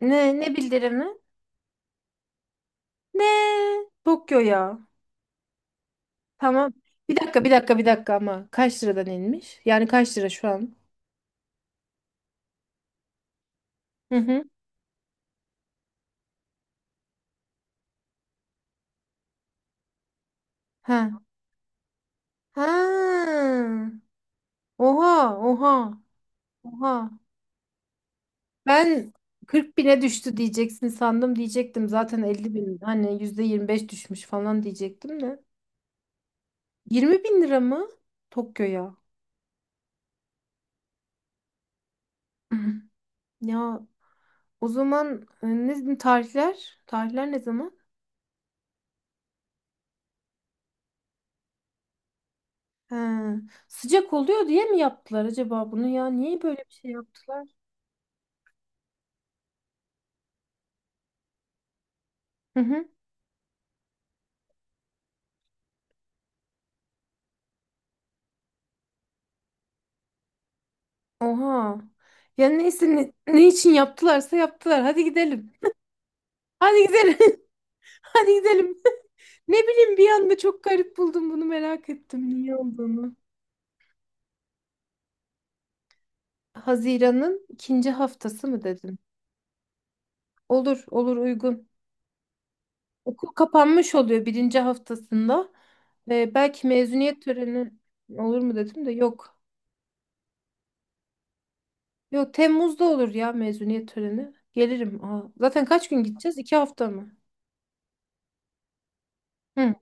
Ne bildirimi? Ne? Tokyo ya. Tamam. Bir dakika bir dakika bir dakika ama kaç liradan inmiş? Yani kaç lira şu an? Hı hı. Ha. Ha. Oha oha oha. Ben 40 bine düştü diyeceksin sandım diyecektim. Zaten 50 bin hani yüzde 25 düşmüş falan diyecektim de. 20 bin lira mı? Tokyo'ya. Ya o zaman ne tarihler? Tarihler ne zaman? Ha, sıcak oluyor diye mi yaptılar acaba bunu ya? Niye böyle bir şey yaptılar? Hı hı. Oha. Ya neyse ne, ne için yaptılarsa yaptılar. Hadi gidelim. Hadi gidelim. Hadi gidelim. Ne bileyim bir anda çok garip buldum bunu merak ettim niye olduğunu. Haziran'ın ikinci haftası mı dedin? Olur, olur uygun. Okul kapanmış oluyor birinci haftasında. Belki mezuniyet töreni olur mu dedim de yok. Yok Temmuz'da olur ya mezuniyet töreni. Gelirim. Aa, zaten kaç gün gideceğiz? İki hafta mı? Hı.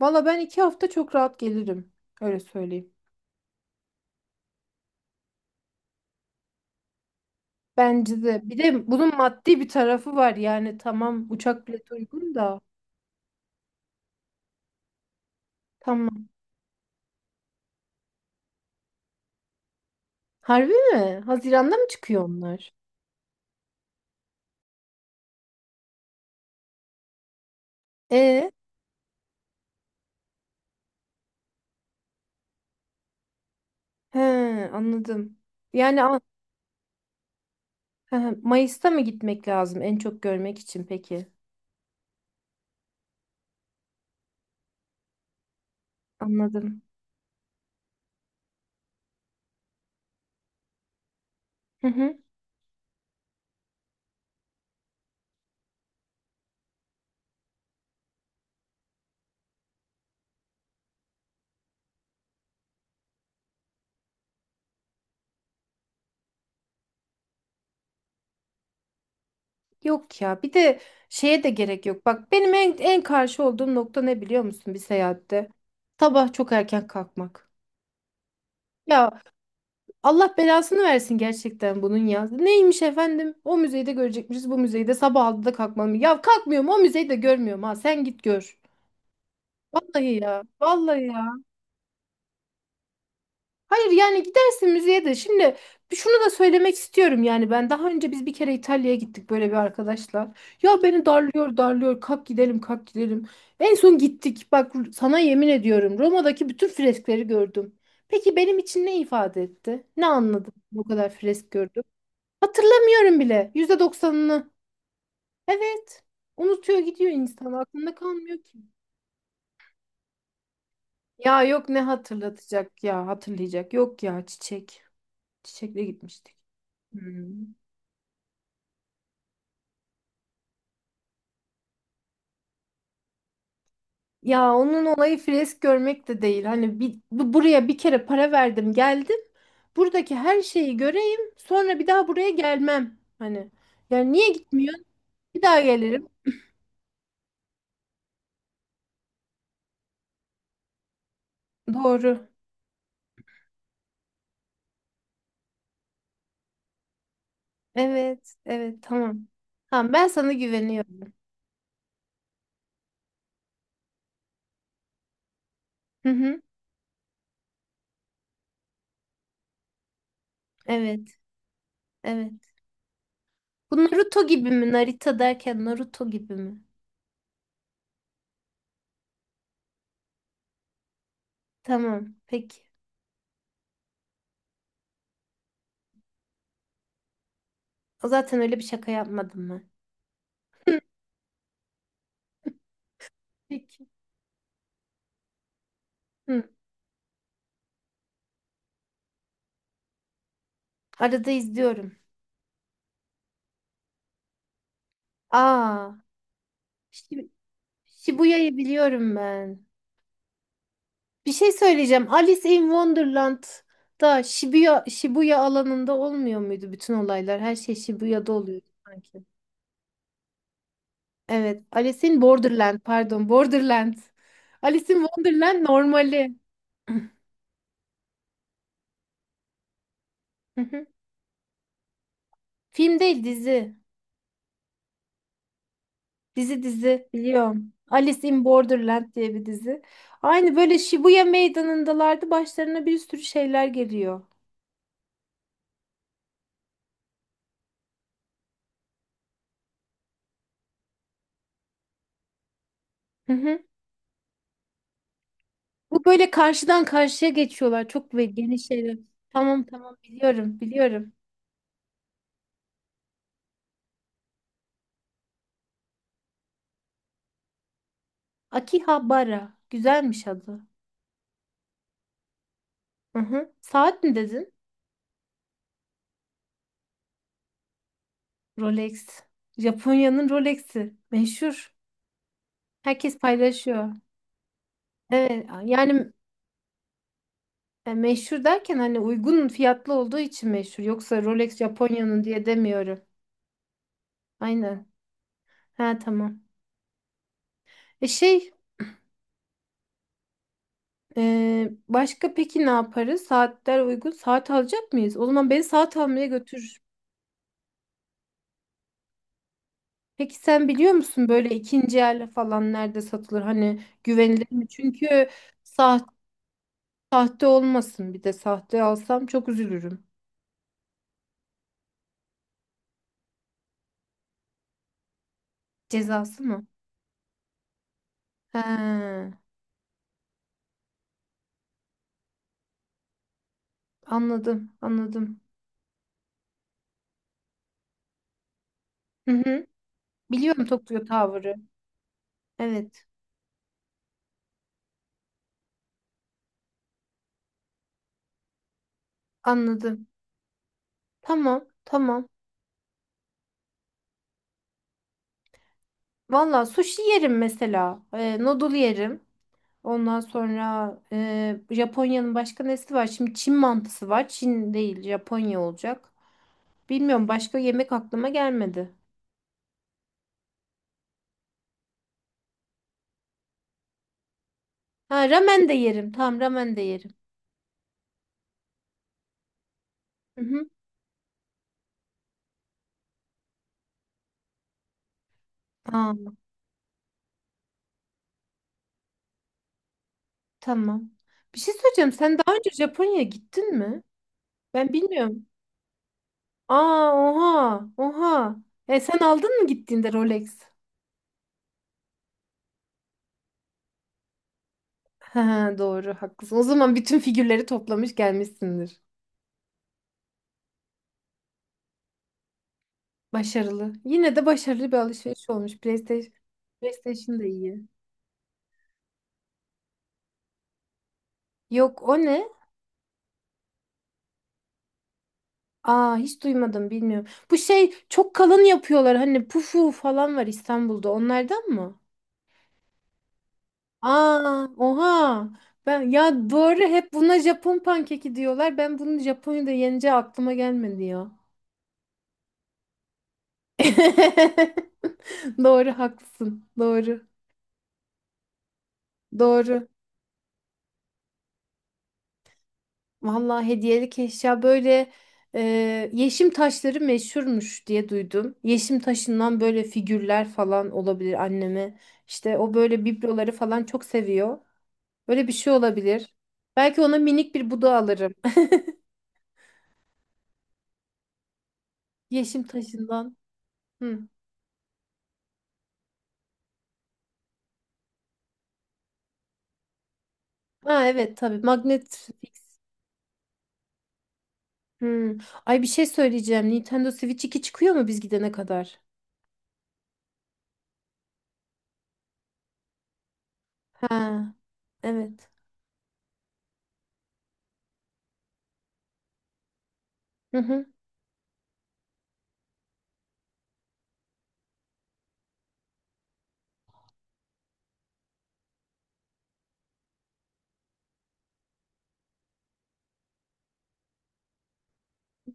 Valla ben iki hafta çok rahat gelirim. Öyle söyleyeyim. Bence de. Bir de bunun maddi bir tarafı var. Yani tamam uçak bileti uygun da. Tamam. Harbi mi? Haziran'da mı çıkıyor onlar? E, he, anladım. Yani he, he, Mayıs'ta mı gitmek lazım en çok görmek için peki? Anladım. Hı hı. Yok ya bir de şeye de gerek yok. Bak benim en, en karşı olduğum nokta ne biliyor musun bir seyahatte? Sabah çok erken kalkmak. Ya Allah belasını versin gerçekten bunun ya. Neymiş efendim? O müzeyi de görecekmişiz bu müzeyi de sabah altıda kalkmam. Ya kalkmıyorum o müzeyi de görmüyorum ha sen git gör. Vallahi ya vallahi ya. Hayır yani gidersin müzeye de. Şimdi şunu da söylemek istiyorum yani ben daha önce biz bir kere İtalya'ya gittik böyle bir arkadaşla. Ya beni darlıyor darlıyor kalk gidelim kalk gidelim. En son gittik bak sana yemin ediyorum Roma'daki bütün freskleri gördüm. Peki benim için ne ifade etti? Ne anladım bu kadar fresk gördüm? Hatırlamıyorum bile %90'ını. Evet, unutuyor gidiyor insan aklında kalmıyor ki. Ya yok ne hatırlatacak ya hatırlayacak yok ya çiçek. Çiçekle gitmiştik. Hmm. Ya onun olayı fresk görmek de değil. Hani bir, buraya bir kere para verdim geldim. Buradaki her şeyi göreyim. Sonra bir daha buraya gelmem. Hani yani niye gitmiyorsun? Bir daha gelirim. Doğru. Evet, evet tamam. Tamam ben sana güveniyorum. Hı hı. Evet, evet. Bu Naruto gibi mi? Narita derken Naruto gibi mi? Tamam, peki. O zaten öyle bir şaka yapmadım ben. Peki. Hı, arada izliyorum. Aa. İşte Shibuya'yı biliyorum ben. Bir şey söyleyeceğim. Alice in Wonderland'da Shibuya, Shibuya alanında olmuyor muydu bütün olaylar? Her şey Shibuya'da oluyordu sanki. Evet. Alice in Borderland pardon. Borderland. Alice in Wonderland normali. Hı hı. Film değil dizi. Dizi dizi biliyorum. Alice in Borderland diye bir dizi. Aynı böyle Shibuya meydanındalardı. Başlarına bir sürü şeyler geliyor. Hı hı. Bu böyle karşıdan karşıya geçiyorlar. Çok ve geniş evler. Tamam tamam biliyorum biliyorum. Akihabara. Güzelmiş adı. Hı hı. Saat mi dedin? Rolex. Japonya'nın Rolex'i. Meşhur. Herkes paylaşıyor. Evet yani meşhur derken hani uygun fiyatlı olduğu için meşhur. Yoksa Rolex Japonya'nın diye demiyorum. Aynen. Ha tamam. E şey başka peki ne yaparız? Saatler uygun. Saat alacak mıyız? O zaman beni saat almaya götür. Peki sen biliyor musun böyle ikinci el falan nerede satılır? Hani güvenilir mi? Çünkü sah sahte olmasın bir de sahte alsam çok üzülürüm. Cezası mı? He, anladım anladım. Hı hı. Biliyorum Tokyo Tower'ı. Evet anladım. Tamam tamam. Valla sushi yerim mesela. Noodle yerim. Ondan sonra Japonya'nın başka nesi var? Şimdi Çin mantısı var. Çin değil Japonya olacak. Bilmiyorum başka yemek aklıma gelmedi. Ha ramen de yerim. Tamam ramen de yerim. Hı hı. Aa, tamam. Bir şey söyleyeceğim. Sen daha önce Japonya'ya gittin mi? Ben bilmiyorum. Aa oha oha. Sen aldın mı gittiğinde Rolex? Ha, doğru haklısın. O zaman bütün figürleri toplamış gelmişsindir. Başarılı. Yine de başarılı bir alışveriş olmuş. PlayStation, PlayStation da iyi. Yok o ne? Aa hiç duymadım bilmiyorum. Bu şey çok kalın yapıyorlar hani pufu falan var İstanbul'da onlardan mı? Aa, oha. Ben ya doğru hep buna Japon pankeki diyorlar. Ben bunu Japonya'da yeneceği aklıma gelmedi ya. Doğru haklısın. Doğru. Doğru. Vallahi hediyelik eşya böyle yeşim taşları meşhurmuş diye duydum. Yeşim taşından böyle figürler falan olabilir anneme. İşte o böyle bibloları falan çok seviyor. Böyle bir şey olabilir. Belki ona minik bir buda alırım. Yeşim taşından. Hı. Ha evet tabii. Magnet Fix. Hmm. Ay bir şey söyleyeceğim. Nintendo Switch 2 çıkıyor mu biz gidene kadar? Ha evet. Hı hı.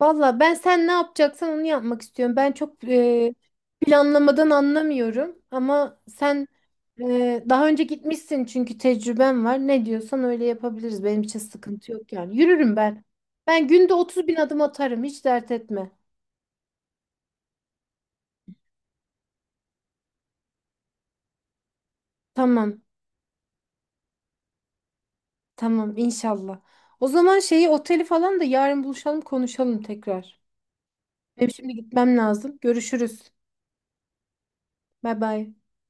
Valla ben sen ne yapacaksan onu yapmak istiyorum. Ben çok planlamadan anlamıyorum. Ama sen daha önce gitmişsin çünkü tecrüben var. Ne diyorsan öyle yapabiliriz. Benim için sıkıntı yok yani. Yürürüm ben. Ben günde 30.000 adım atarım. Hiç dert etme. Tamam. Tamam inşallah. O zaman şeyi oteli falan da yarın buluşalım konuşalım tekrar. Benim şimdi gitmem lazım. Görüşürüz. Bay bay.